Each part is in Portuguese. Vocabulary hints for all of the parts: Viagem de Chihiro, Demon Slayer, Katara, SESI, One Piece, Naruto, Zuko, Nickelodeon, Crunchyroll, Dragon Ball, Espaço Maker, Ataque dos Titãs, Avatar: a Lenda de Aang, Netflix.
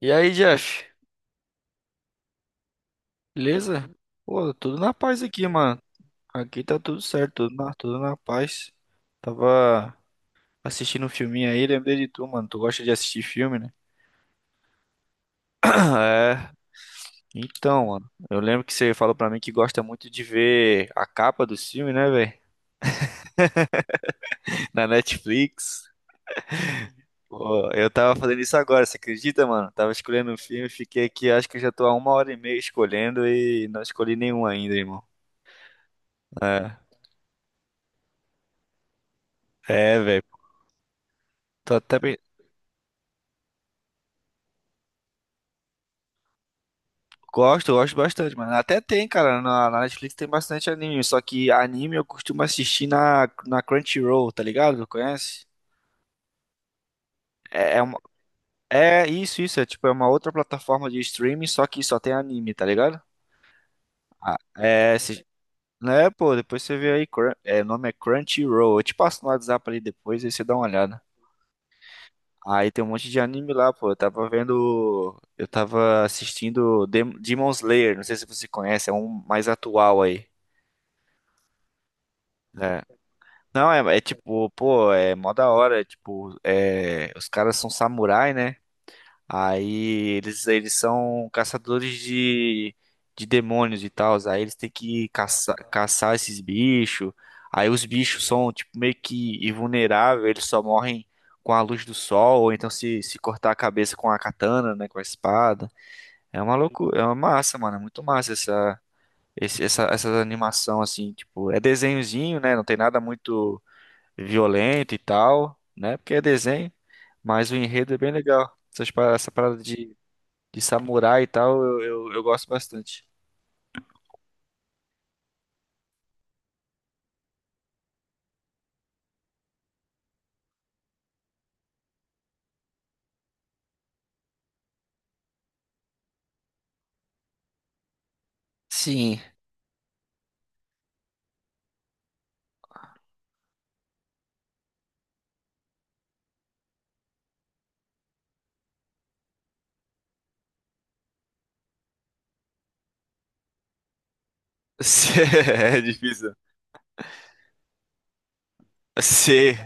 E aí, Jeff? Beleza? Pô, tudo na paz aqui, mano. Aqui tá tudo certo, tudo na paz. Tava assistindo um filminho aí, lembrei de tu, mano. Tu gosta de assistir filme, né? É. Então, mano, eu lembro que você falou pra mim que gosta muito de ver a capa do filme, né, velho? Na Netflix. Pô, eu tava fazendo isso agora, você acredita, mano? Tava escolhendo um filme, fiquei aqui, acho que já tô há uma hora e meia escolhendo e não escolhi nenhum ainda, irmão. É, velho. Tô até, gosto, eu gosto bastante, mano. Até tem, cara, na Netflix tem bastante anime, só que anime eu costumo assistir na Crunchyroll, tá ligado? Conhece? Uma- é isso, é tipo, é uma outra plataforma de streaming, só que só tem anime, tá ligado? Ah, é, se, né, pô, depois você vê aí, é, o nome é Crunchyroll, eu te passo no WhatsApp ali depois, aí você dá uma olhada. Aí tem um monte de anime lá, pô, eu tava vendo, eu tava assistindo Demon Slayer, não sei se você conhece, é um mais atual aí. Né? Não, é tipo, pô, é mó da hora, os caras são samurai, né? Aí eles são caçadores de demônios e tal, aí eles têm que caçar esses bichos, aí os bichos são, tipo, meio que invulneráveis, eles só morrem com a luz do sol, ou então se cortar a cabeça com a katana, né, com a espada. É uma loucura, é uma massa, mano, é muito massa essa animação, assim, tipo, é desenhozinho, né, não tem nada muito violento e tal, né? Porque é desenho, mas o enredo é bem legal. Essa parada de samurai e tal, eu gosto bastante. Sim. C- É difícil. C.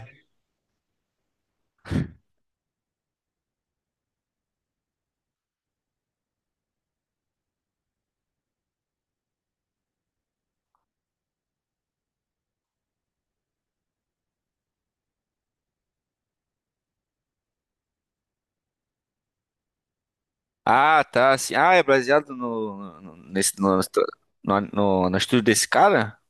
Ah, tá. Sim. Ah, é baseado no no estúdio desse cara?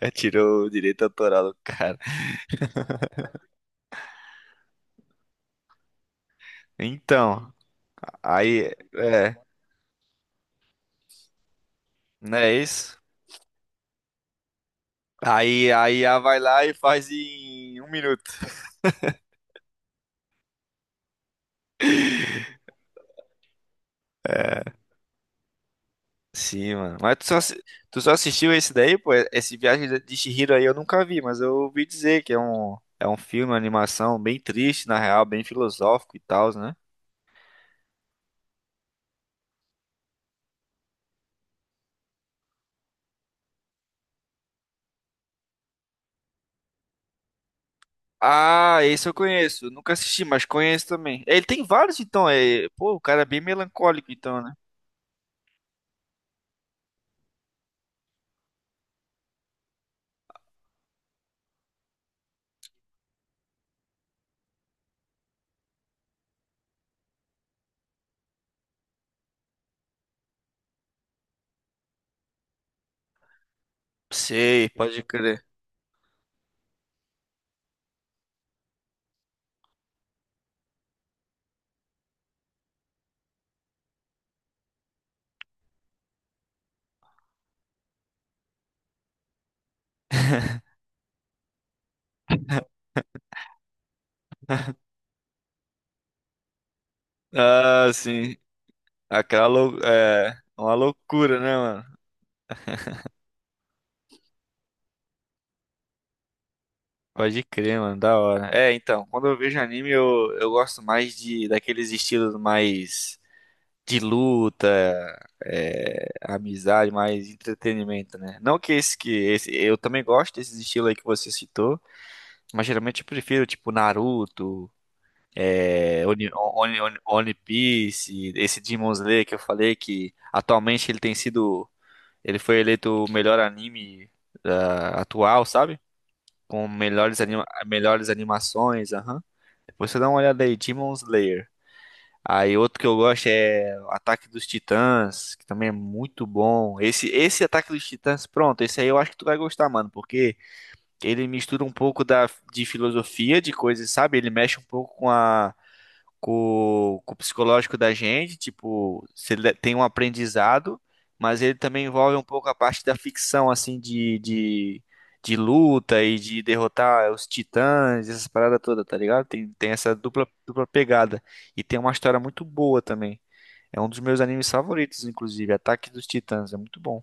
É, tirou o direito autoral do cara. Então, aí, é, não é isso? Aí, aí a vai lá e faz em um minuto. É, sim, mano. Mas tu só assistiu esse daí, pô? Esse Viagem de Chihiro aí eu nunca vi, mas eu ouvi dizer que é é um filme, uma animação bem triste, na real, bem filosófico e tal, né? Ah, esse eu conheço. Nunca assisti, mas conheço também. É, ele tem vários, então. É... Pô, o cara é bem melancólico, então, né? Sei, pode crer. Ah, sim. Aquela lou... é... uma loucura, né, mano? Pode crer, mano, da hora. É, então, quando eu vejo anime, eu gosto mais de daqueles estilos mais de luta, é, amizade, mais entretenimento, né? Não que esse, eu também gosto desses estilos aí que você citou, mas geralmente eu prefiro tipo Naruto, é, One Piece, esse Demon Slayer que eu falei que atualmente ele tem sido, ele foi eleito o melhor anime ah, atual, sabe? Com melhores melhores animações, aham. Depois você dá uma olhada aí, Demon Slayer. Aí outro que eu gosto é o Ataque dos Titãs, que também é muito bom. Esse Ataque dos Titãs, pronto, esse aí eu acho que tu vai gostar, mano, porque ele mistura um pouco de filosofia, de coisas, sabe? Ele mexe um pouco com a com o psicológico da gente, tipo, se ele tem um aprendizado, mas ele também envolve um pouco a parte da ficção, assim, de luta e de derrotar os titãs, essas paradas todas, tá ligado? Tem essa dupla pegada. E tem uma história muito boa também. É um dos meus animes favoritos, inclusive, Ataque dos Titãs, é muito bom.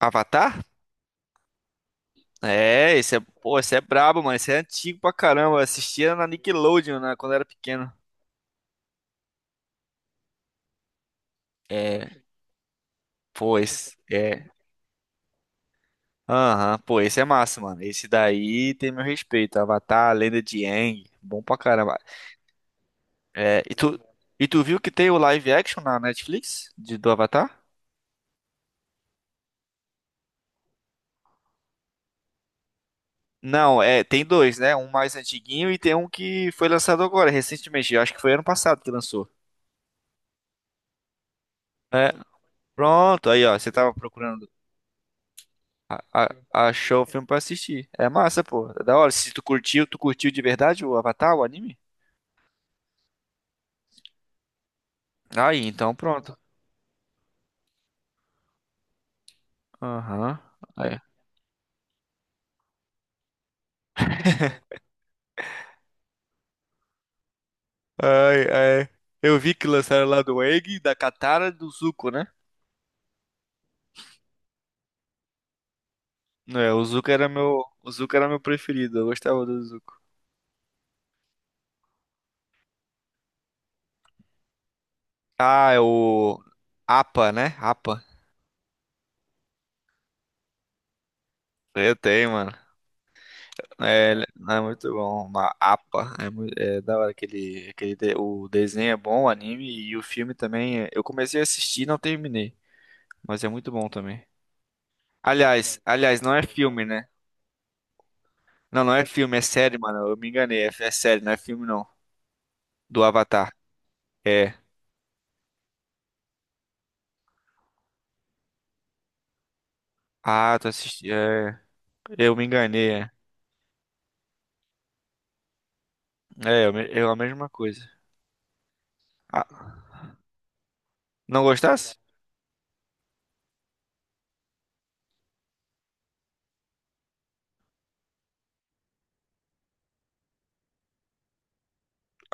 Avatar? É, esse é, pô, esse é brabo, mano. Esse é antigo pra caramba. Eu assistia na Nickelodeon, né, quando eu era pequeno. É, pô, esse, é, aham, pô, esse é massa, mano. Esse daí tem meu respeito. Avatar, a Lenda de Aang, bom pra caramba. É, e tu viu que tem o live action na Netflix de, do Avatar? Não, é, tem dois, né? Um mais antiguinho e tem um que foi lançado agora, recentemente. Eu acho que foi ano passado que lançou. É, pronto, aí ó, você tava procurando, achou o filme pra assistir. É massa, pô, é da hora. Se tu curtiu, tu curtiu de verdade o Avatar, o anime? Aí, então pronto. Aham. Ai, ai. Eu vi que lançaram lá do Egg, da Katara e do Zuko, né? É, o Zuko era meu preferido, eu gostava do Zuko. Ah, é o APA, né? APA. Eu tenho, mano. É muito bom, uma APA. É, é da hora aquele, o desenho é bom, o anime e o filme também. É, eu comecei a assistir e não terminei, mas é muito bom também. Aliás, aliás, não é filme, né? Não, não é filme, é série, mano. Eu me enganei, é, é série, não é filme não, do Avatar. É. Ah, tu assisti. É, eu me enganei. É, é eu, me- eu a mesma coisa. Ah, não gostasse?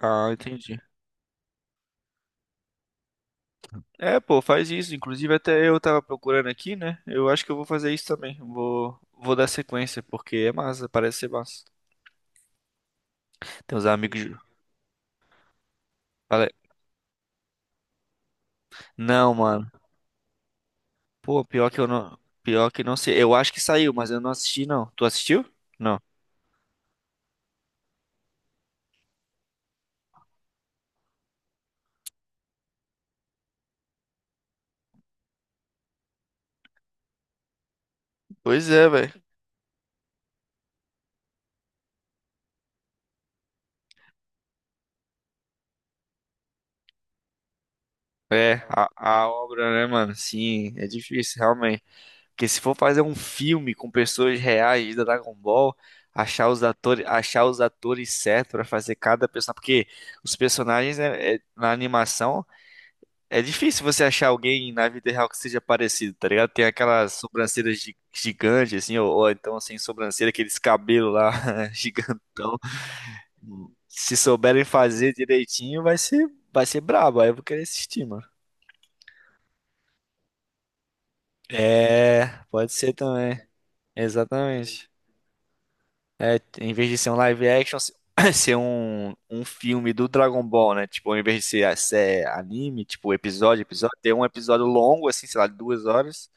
Ah, entendi. É, pô, faz isso. Inclusive, até eu tava procurando aqui, né? Eu acho que eu vou fazer isso também. Vou dar sequência, porque é massa, parece ser massa. Tem uns amigos. Fala- Não, mano. Pô, pior que eu não. Pior que não sei. Eu acho que saiu, mas eu não assisti, não. Tu assistiu? Não. Pois é, velho. É, a obra, né, mano? Sim, é difícil, realmente. Porque se for fazer um filme com pessoas reais da Dragon Ball, achar os atores certos pra fazer cada personagem, porque os personagens na animação é difícil você achar alguém na vida real que seja parecido, tá ligado? Tem aquelas sobrancelhas gigantes assim, ou então sem sobrancelha, aqueles cabelos lá gigantão. Se souberem fazer direitinho, vai ser brabo, aí eu vou querer assistir, mano. É, pode ser também. Exatamente. É, em vez de ser um live action, ser um filme do Dragon Ball, né? Tipo, em vez de ser anime, tipo, episódio, ter um episódio longo, assim, sei lá, de duas horas,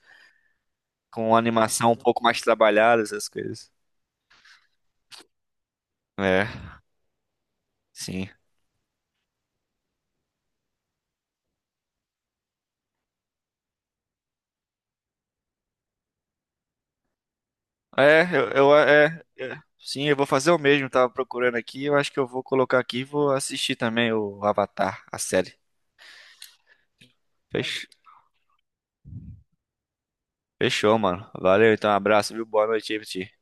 com animação um pouco mais trabalhada, essas coisas. É, sim. É, sim, eu vou fazer o mesmo, tava procurando aqui, eu acho que eu vou colocar aqui e vou assistir também o Avatar, a série. Fech- Fechou, mano. Valeu, então, abraço, viu? Boa noite aí pra ti.